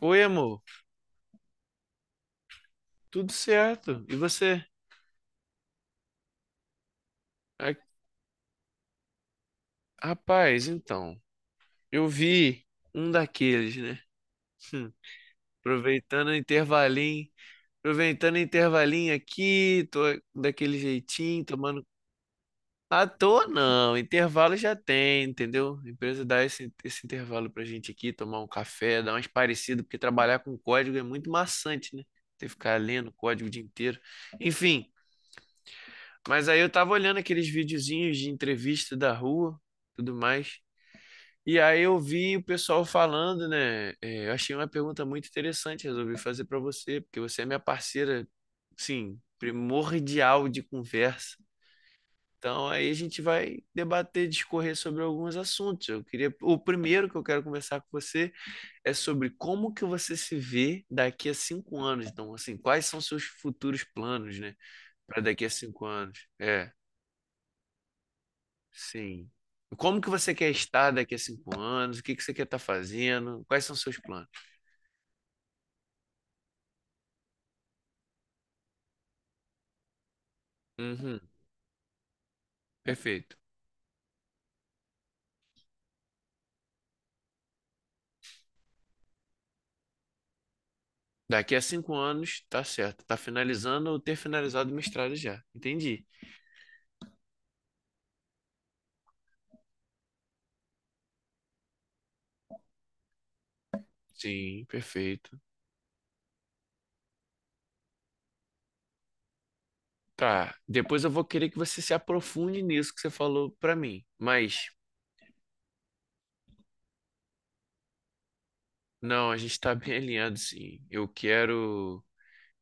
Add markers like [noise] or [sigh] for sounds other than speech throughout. Oi, amor. Tudo certo? E você? Ah. Rapaz, então, eu vi um daqueles, né? Hum. Aproveitando o intervalinho, aproveitando o intervalinho aqui, tô daquele jeitinho, tomando. À toa não, intervalo já tem, entendeu? A empresa dá esse intervalo pra gente aqui, tomar um café, dar umas parecidas, porque trabalhar com código é muito maçante, né? Ter que ficar lendo código o dia inteiro. Enfim, mas aí eu tava olhando aqueles videozinhos de entrevista da rua, tudo mais. E aí eu vi o pessoal falando, né? Eu achei uma pergunta muito interessante, resolvi fazer pra você, porque você é minha parceira, sim, primordial de conversa. Então aí a gente vai debater, discorrer sobre alguns assuntos. Eu queria, o primeiro que eu quero conversar com você é sobre como que você se vê daqui a 5 anos. Então, assim, quais são seus futuros planos, né? Para daqui a 5 anos. É. Sim. Como que você quer estar daqui a 5 anos? O que que você quer estar fazendo? Quais são seus planos? Uhum, perfeito. Daqui a cinco anos, tá certo. Tá finalizando ou ter finalizado o mestrado já. Entendi. Sim, perfeito. Tá. Depois eu vou querer que você se aprofunde nisso que você falou pra mim. Mas, não, a gente tá bem [laughs] alinhado, sim. Eu quero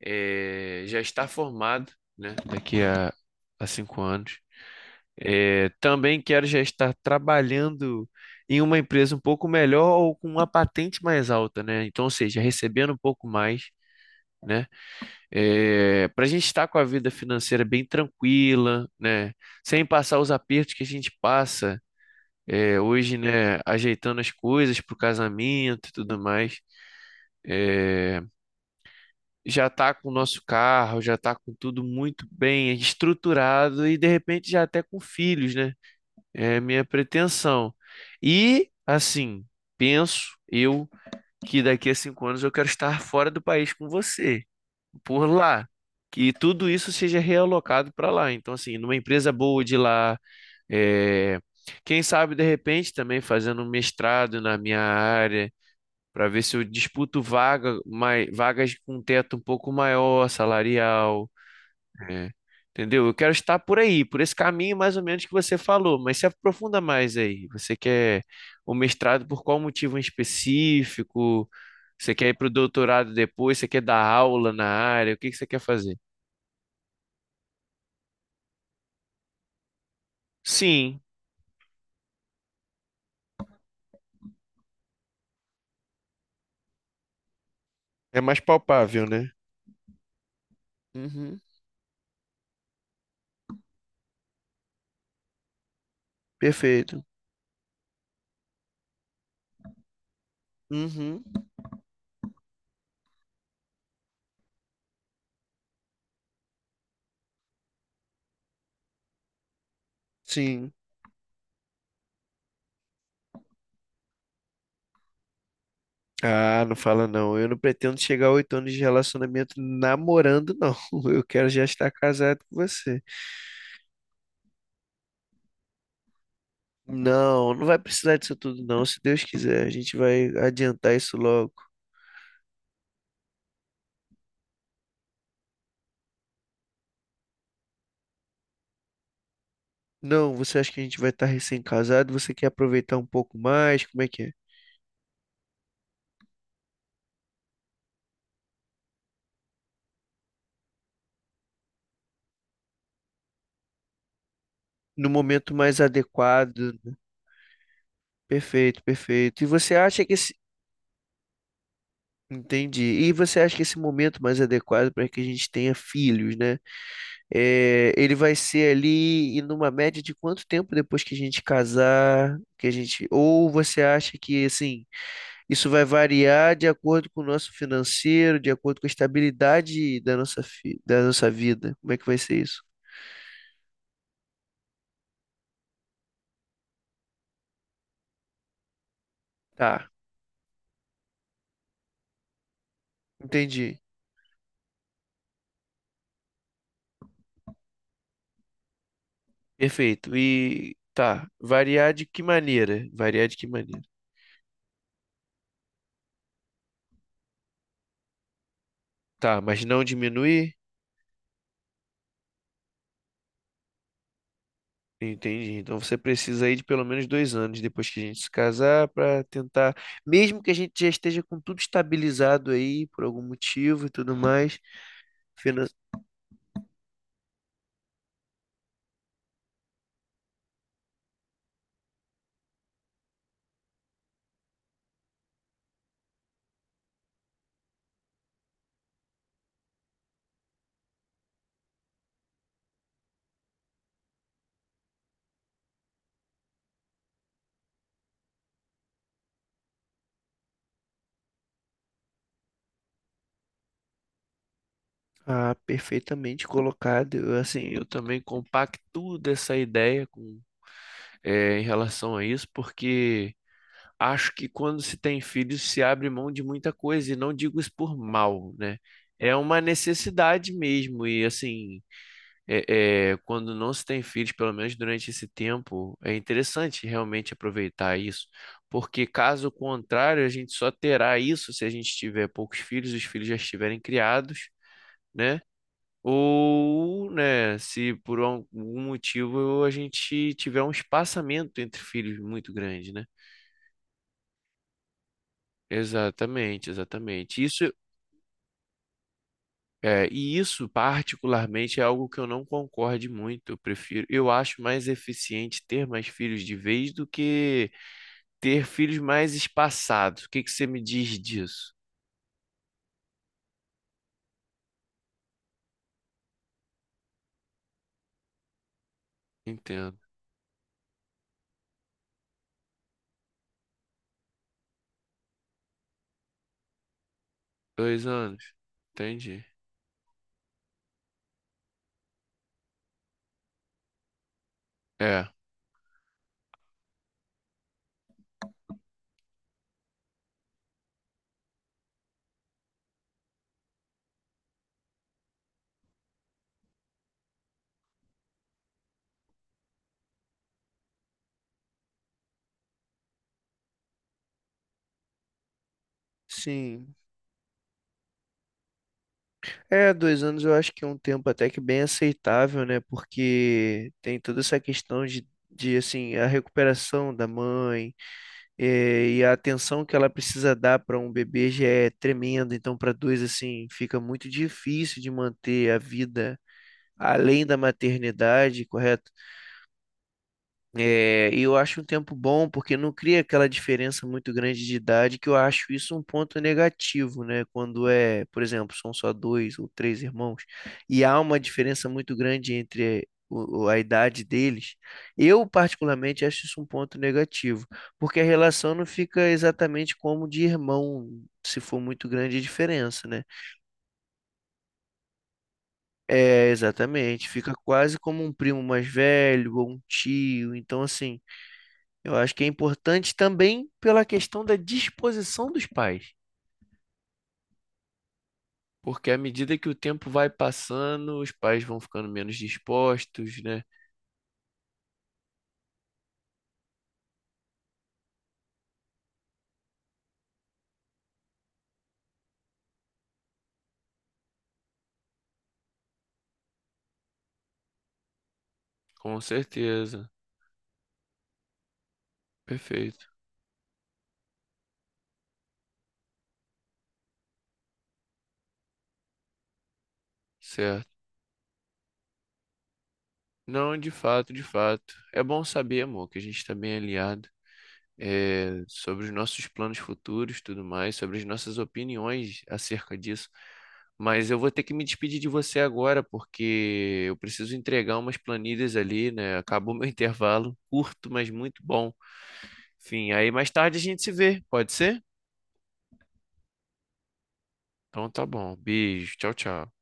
já estar formado, né? Daqui a 5 anos. É, também quero já estar trabalhando em uma empresa um pouco melhor ou com uma patente mais alta, né? Então, ou seja, recebendo um pouco mais, né? Para a gente estar com a vida financeira bem tranquila, né? Sem passar os apertos que a gente passa hoje, né? Ajeitando as coisas para o casamento e tudo mais. Já tá com o nosso carro, já tá com tudo muito bem estruturado e de repente já até com filhos, né? É a minha pretensão. E, assim, penso eu que daqui a 5 anos eu quero estar fora do país com você, por lá. Que tudo isso seja realocado para lá. Então, assim, numa empresa boa de lá, é, quem sabe de repente também fazendo um mestrado na minha área, para ver se eu disputo vagas com teto um pouco maior, salarial. É, entendeu? Eu quero estar por aí, por esse caminho mais ou menos que você falou, mas se aprofunda mais aí. Você quer o mestrado por qual motivo em específico? Você quer ir para o doutorado depois? Você quer dar aula na área? O que que você quer fazer? Sim, é mais palpável, né? Uhum. Perfeito. Uhum. Sim. Ah, não fala não. Eu não pretendo chegar a 8 anos de relacionamento namorando, não. [laughs] Eu quero já estar casado com você. Não, não vai precisar disso tudo, não. Se Deus quiser, a gente vai adiantar isso logo. Não, você acha que a gente vai estar recém-casado? Você quer aproveitar um pouco mais? Como é que é? No momento mais adequado, né? Perfeito, perfeito. E você acha que esse. Entendi. E você acha que esse momento mais adequado para que a gente tenha filhos, né? É, ele vai ser ali e numa média de quanto tempo depois que a gente casar, que a gente. Ou você acha que assim. Isso vai variar de acordo com o nosso financeiro, de acordo com a estabilidade da nossa, da nossa vida. Como é que vai ser isso? Tá, entendi. Perfeito. E tá, variar de que maneira? Variar de que maneira? Tá, mas não diminuir? Entendi. Então você precisa aí de pelo menos 2 anos depois que a gente se casar para tentar, mesmo que a gente já esteja com tudo estabilizado aí por algum motivo e tudo mais, finan- ah, perfeitamente colocado. Eu, assim, eu também compactuo dessa ideia com, em relação a isso, porque acho que quando se tem filhos se abre mão de muita coisa, e não digo isso por mal, né? É uma necessidade mesmo, e assim, quando não se tem filhos, pelo menos durante esse tempo, é interessante realmente aproveitar isso, porque caso contrário, a gente só terá isso se a gente tiver poucos filhos, os filhos já estiverem criados, né? Ou, né, se por algum motivo a gente tiver um espaçamento entre filhos muito grande, né? Exatamente, exatamente. Isso é, e isso particularmente é algo que eu não concorde muito. Eu prefiro, eu acho mais eficiente ter mais filhos de vez do que ter filhos mais espaçados. O que que você me diz disso? Entendo. 2 anos. Entendi. É. Sim. É, 2 anos eu acho que é um tempo até que bem aceitável, né? Porque tem toda essa questão de assim, a recuperação da mãe e a atenção que ela precisa dar para um bebê já é tremenda. Então, para dois, assim, fica muito difícil de manter a vida além da maternidade, correto? É, e eu acho um tempo bom porque não cria aquela diferença muito grande de idade, que eu acho isso um ponto negativo, né? Quando é, por exemplo, são só dois ou três irmãos, e há uma diferença muito grande entre a idade deles. Eu, particularmente, acho isso um ponto negativo, porque a relação não fica exatamente como de irmão, se for muito grande a diferença, né? É, exatamente, fica quase como um primo mais velho ou um tio, então assim. Eu acho que é importante também pela questão da disposição dos pais, porque à medida que o tempo vai passando, os pais vão ficando menos dispostos, né? Com certeza. Perfeito. Certo. Não, de fato, de fato. É bom saber, amor, que a gente está bem alinhado. Sobre os nossos planos futuros, tudo mais, sobre as nossas opiniões acerca disso. Mas eu vou ter que me despedir de você agora, porque eu preciso entregar umas planilhas ali, né? Acabou [laughs] meu intervalo, curto, mas muito bom. Enfim, aí mais tarde a gente se vê, pode ser? Então tá bom. Beijo, tchau, tchau.